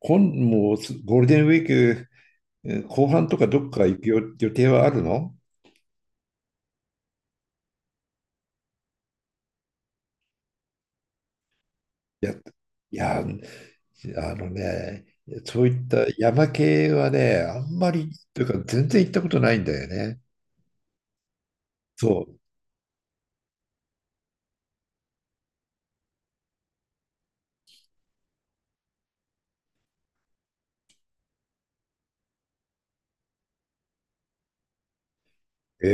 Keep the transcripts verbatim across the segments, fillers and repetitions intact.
今、もうすゴールデンウィーク。えー後半とかどっか行く予予定はあるの？いや、いや、あのね、そういった山系はね、あんまり、というか全然行ったことないんだよね。そう。え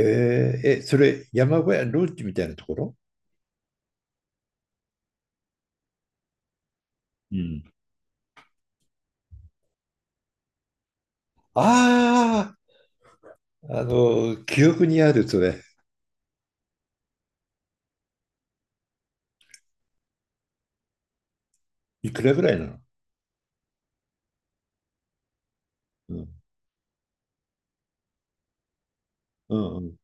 ーえ、それ山小屋、ロッジみたいなところ？うん。ああ、あの、記憶にある、それ。いくらぐらいなの？うん。うんうん。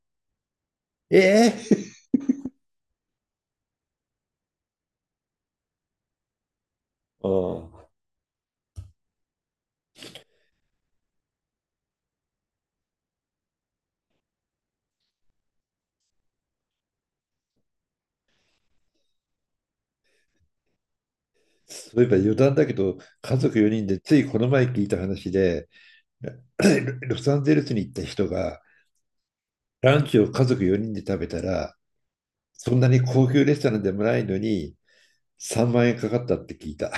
ええ。 ああ、そういえば余談だけど、家族よにんでついこの前聞いた話で、ロサンゼルスに行った人が、ランチを家族よにんで食べたら、そんなに高級レストランでもないのに、さんまん円かかったって聞いた。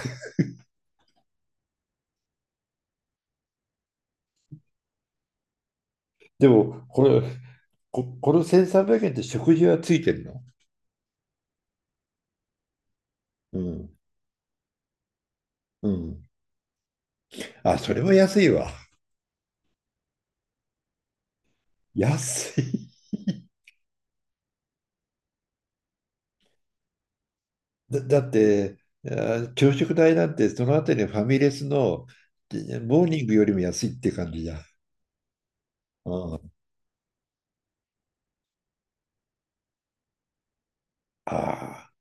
でも、これ、こ、このせんさんびゃくえんって食事はついてるの？うん、うん。あ、それは安いわ。安い。だ、だって、あ朝食代なんて、そのあたりのファミレスのでモーニングよりも安いって感じじゃん。うん。ああ、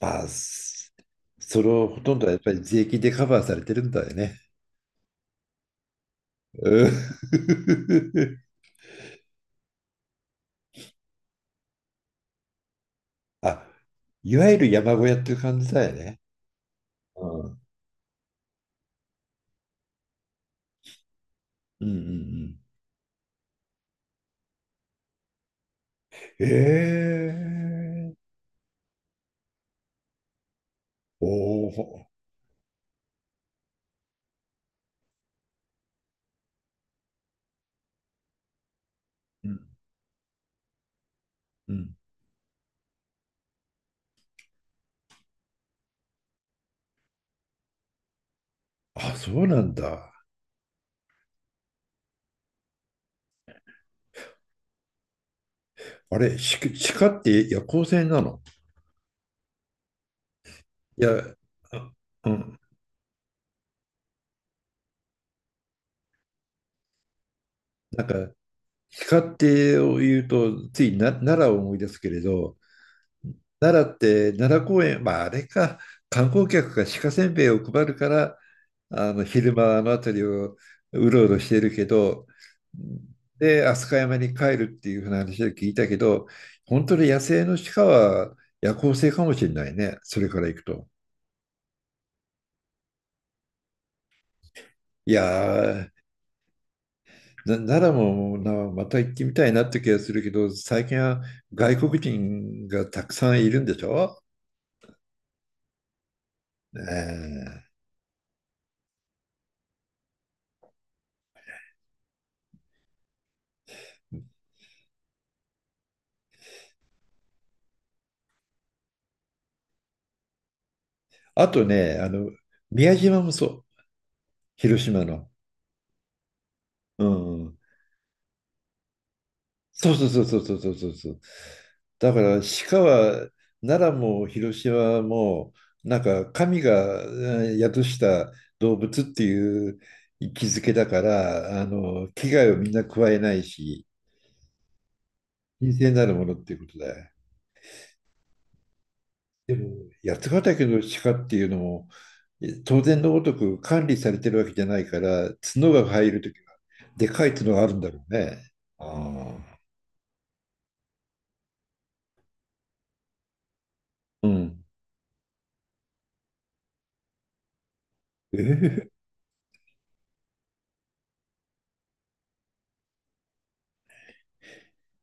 まあ、それをほとんどはやっぱり税金でカバーされてるんだよね。うん。 あ、いわゆる山小屋っていう感じだよね。うん。うんうんうん。ええ。おお。うんうん。あ、そうなんだ。あれ、し鹿って夜行性なの？いや、あ、うん。なんか、鹿ってを言うと、ついな奈良を思い出すけれど、奈良って奈良公園、まああれか、観光客が鹿せんべいを配るから、あの昼間あの辺りをうろうろしているけど、で、飛鳥山に帰るっていうふうな話を聞いたけど、本当に野生の鹿は夜行性かもしれないね、それから行くと。いやー、な奈良もなまた行ってみたいなって気がするけど、最近は外国人がたくさんいるんでしょ？ねえ。あとね、あの、宮島もそう、広島の。うん。そうそうそうそうそうそうそう。だから鹿は奈良も広島もなんか神がえー宿した動物っていう位置づけだからあの危害をみんな加えないし、神聖なるものっていうことだよ。でも八ヶ岳の鹿っていうのもえ当然のごとく管理されてるわけじゃないから角が入るときはでかい角があるんだろうね。ああ。うん。えへへ。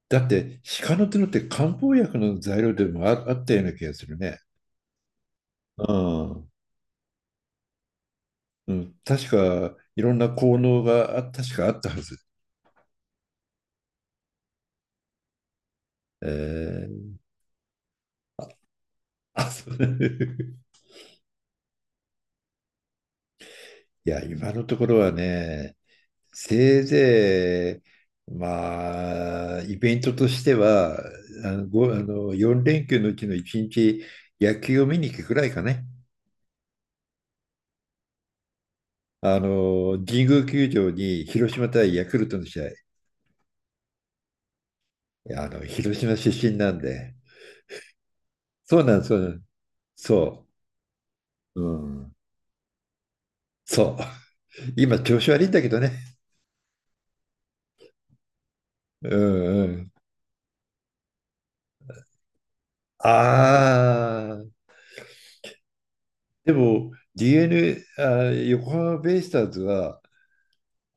だって、鹿の角って漢方薬の材料でもあ、あったような気がするね。うん。うん、確か、いろんな効能があ、確かあったはず。えー、あ、そう。 いや、今のところはね、せいぜい、まあ、イベントとしては、あの、ご、あの、よん連休のうちのいちにち、野球を見に行くくらいかね。あの、神宮球場に広島対ヤクルトの試合。いやあの、広島出身なんで、そうなんです、そうなんです。そう。うん。そう。今、調子悪いんだけどね。うんうん。ああ、でも ディーエヌエー、横浜ベイスターズは、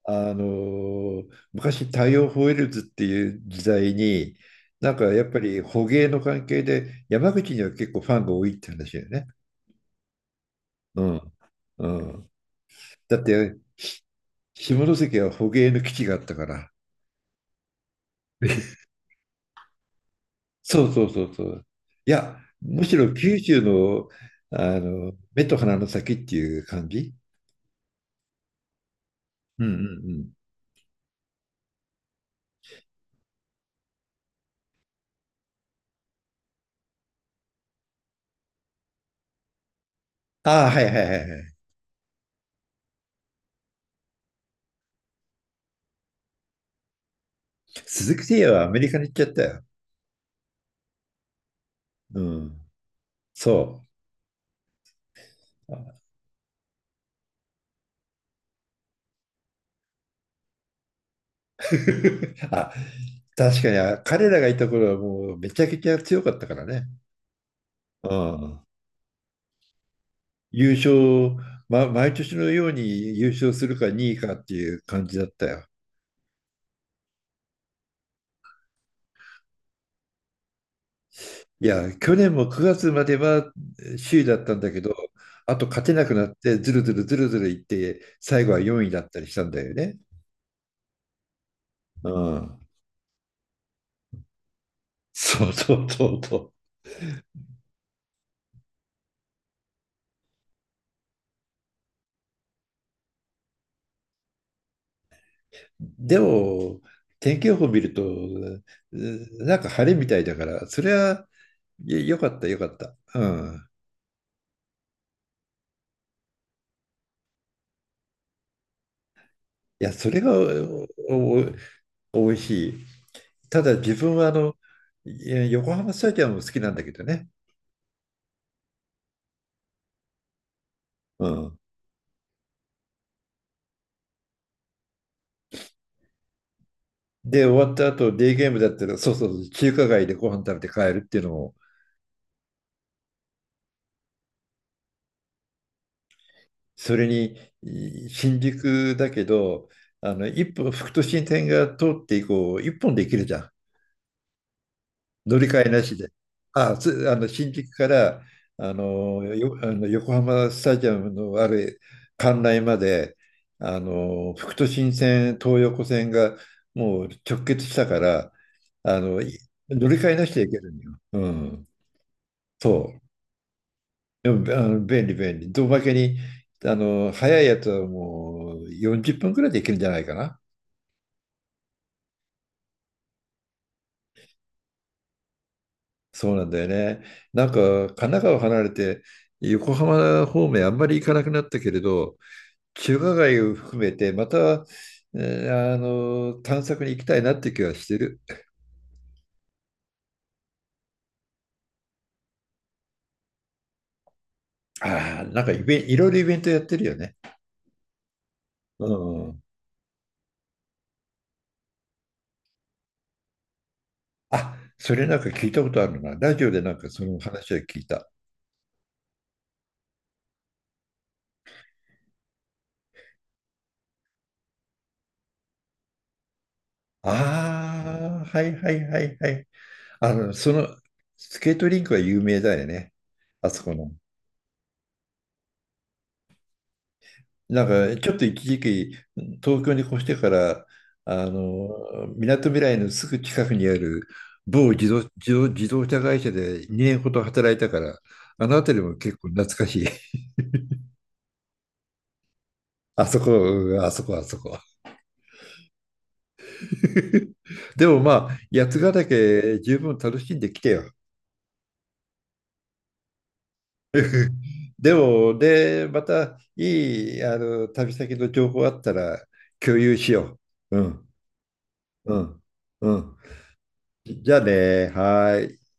あのー昔太陽ホエールズっていう時代に、なんかやっぱり捕鯨の関係で山口には結構ファンが多いって話だよね。うん。うん。だって下関は捕鯨の基地があったから。そうそうそうそう。いや、むしろ九州の、あの目と鼻の先っていう感じ。うんうんうん。ああ、はいはいはいはい。鈴木誠也はアメリカに行っちゃったよ。うん。そう。あ、確かにあ彼らがいた頃はもうめちゃくちゃ強かったからね。うん。優勝、ま、毎年のように優勝するかにいかっていう感じだったよ。いや、去年もくがつまではえー首位だったんだけど、あと勝てなくなって、ずるずるずるずるいって、最後はよんいだったりしたんだよね。うん。そうそうそうそう。でも、天気予報見ると、うーなんか晴れみたいだから、それはよよかったよかった。うん。いや、それがおおお美味しい。ただ自分はあの、いや横浜スタジアムも好きなんだけどね。うん。で、終わった後、デイゲームだったら、そうそうそう、中華街でご飯食べて帰るっていうのも、それに、い新宿だけど、あの、一本、副都心線が通って以降、一本で行けるじゃん。乗り換えなしで。あ、つ、あの、新宿から、あの、よ、あの横浜スタジアムのある関内まで、あの、副都心線、東横線がもう直結したから、あの、い乗り換えなしで行けるんよ。うん。そう。でも、あの、便利、便利。おまけに、あの、早いやつはもうよんじゅっぷんくらいで行けるんじゃないかな。そうなんだよね。なんか、神奈川離れて、横浜方面あんまり行かなくなったけれど、中華街を含めて、また、えーあの、探索に行きたいなって気はしてる。ああ、なんかイベン、いろいろイベントやってるよね。うん。あ、それなんか聞いたことあるな。ラジオでなんかその話は聞いた。ああ、はいはいはいはい。あの、その、スケートリンクは有名だよね。あそこの。なんか、ちょっと一時期、東京に越してから、あの、みなとみらいのすぐ近くにある某自動、自動、自動車会社でにねんほど働いたから、あの辺りも結構懐かしい。あそこ、うんあそこ、あそこ。でもまあ、八ヶ岳十分楽しんできてよ。でも、で、またいい、あの、旅先の情報あったら共有しよう。うん、うん、うん。じゃあね、はーい。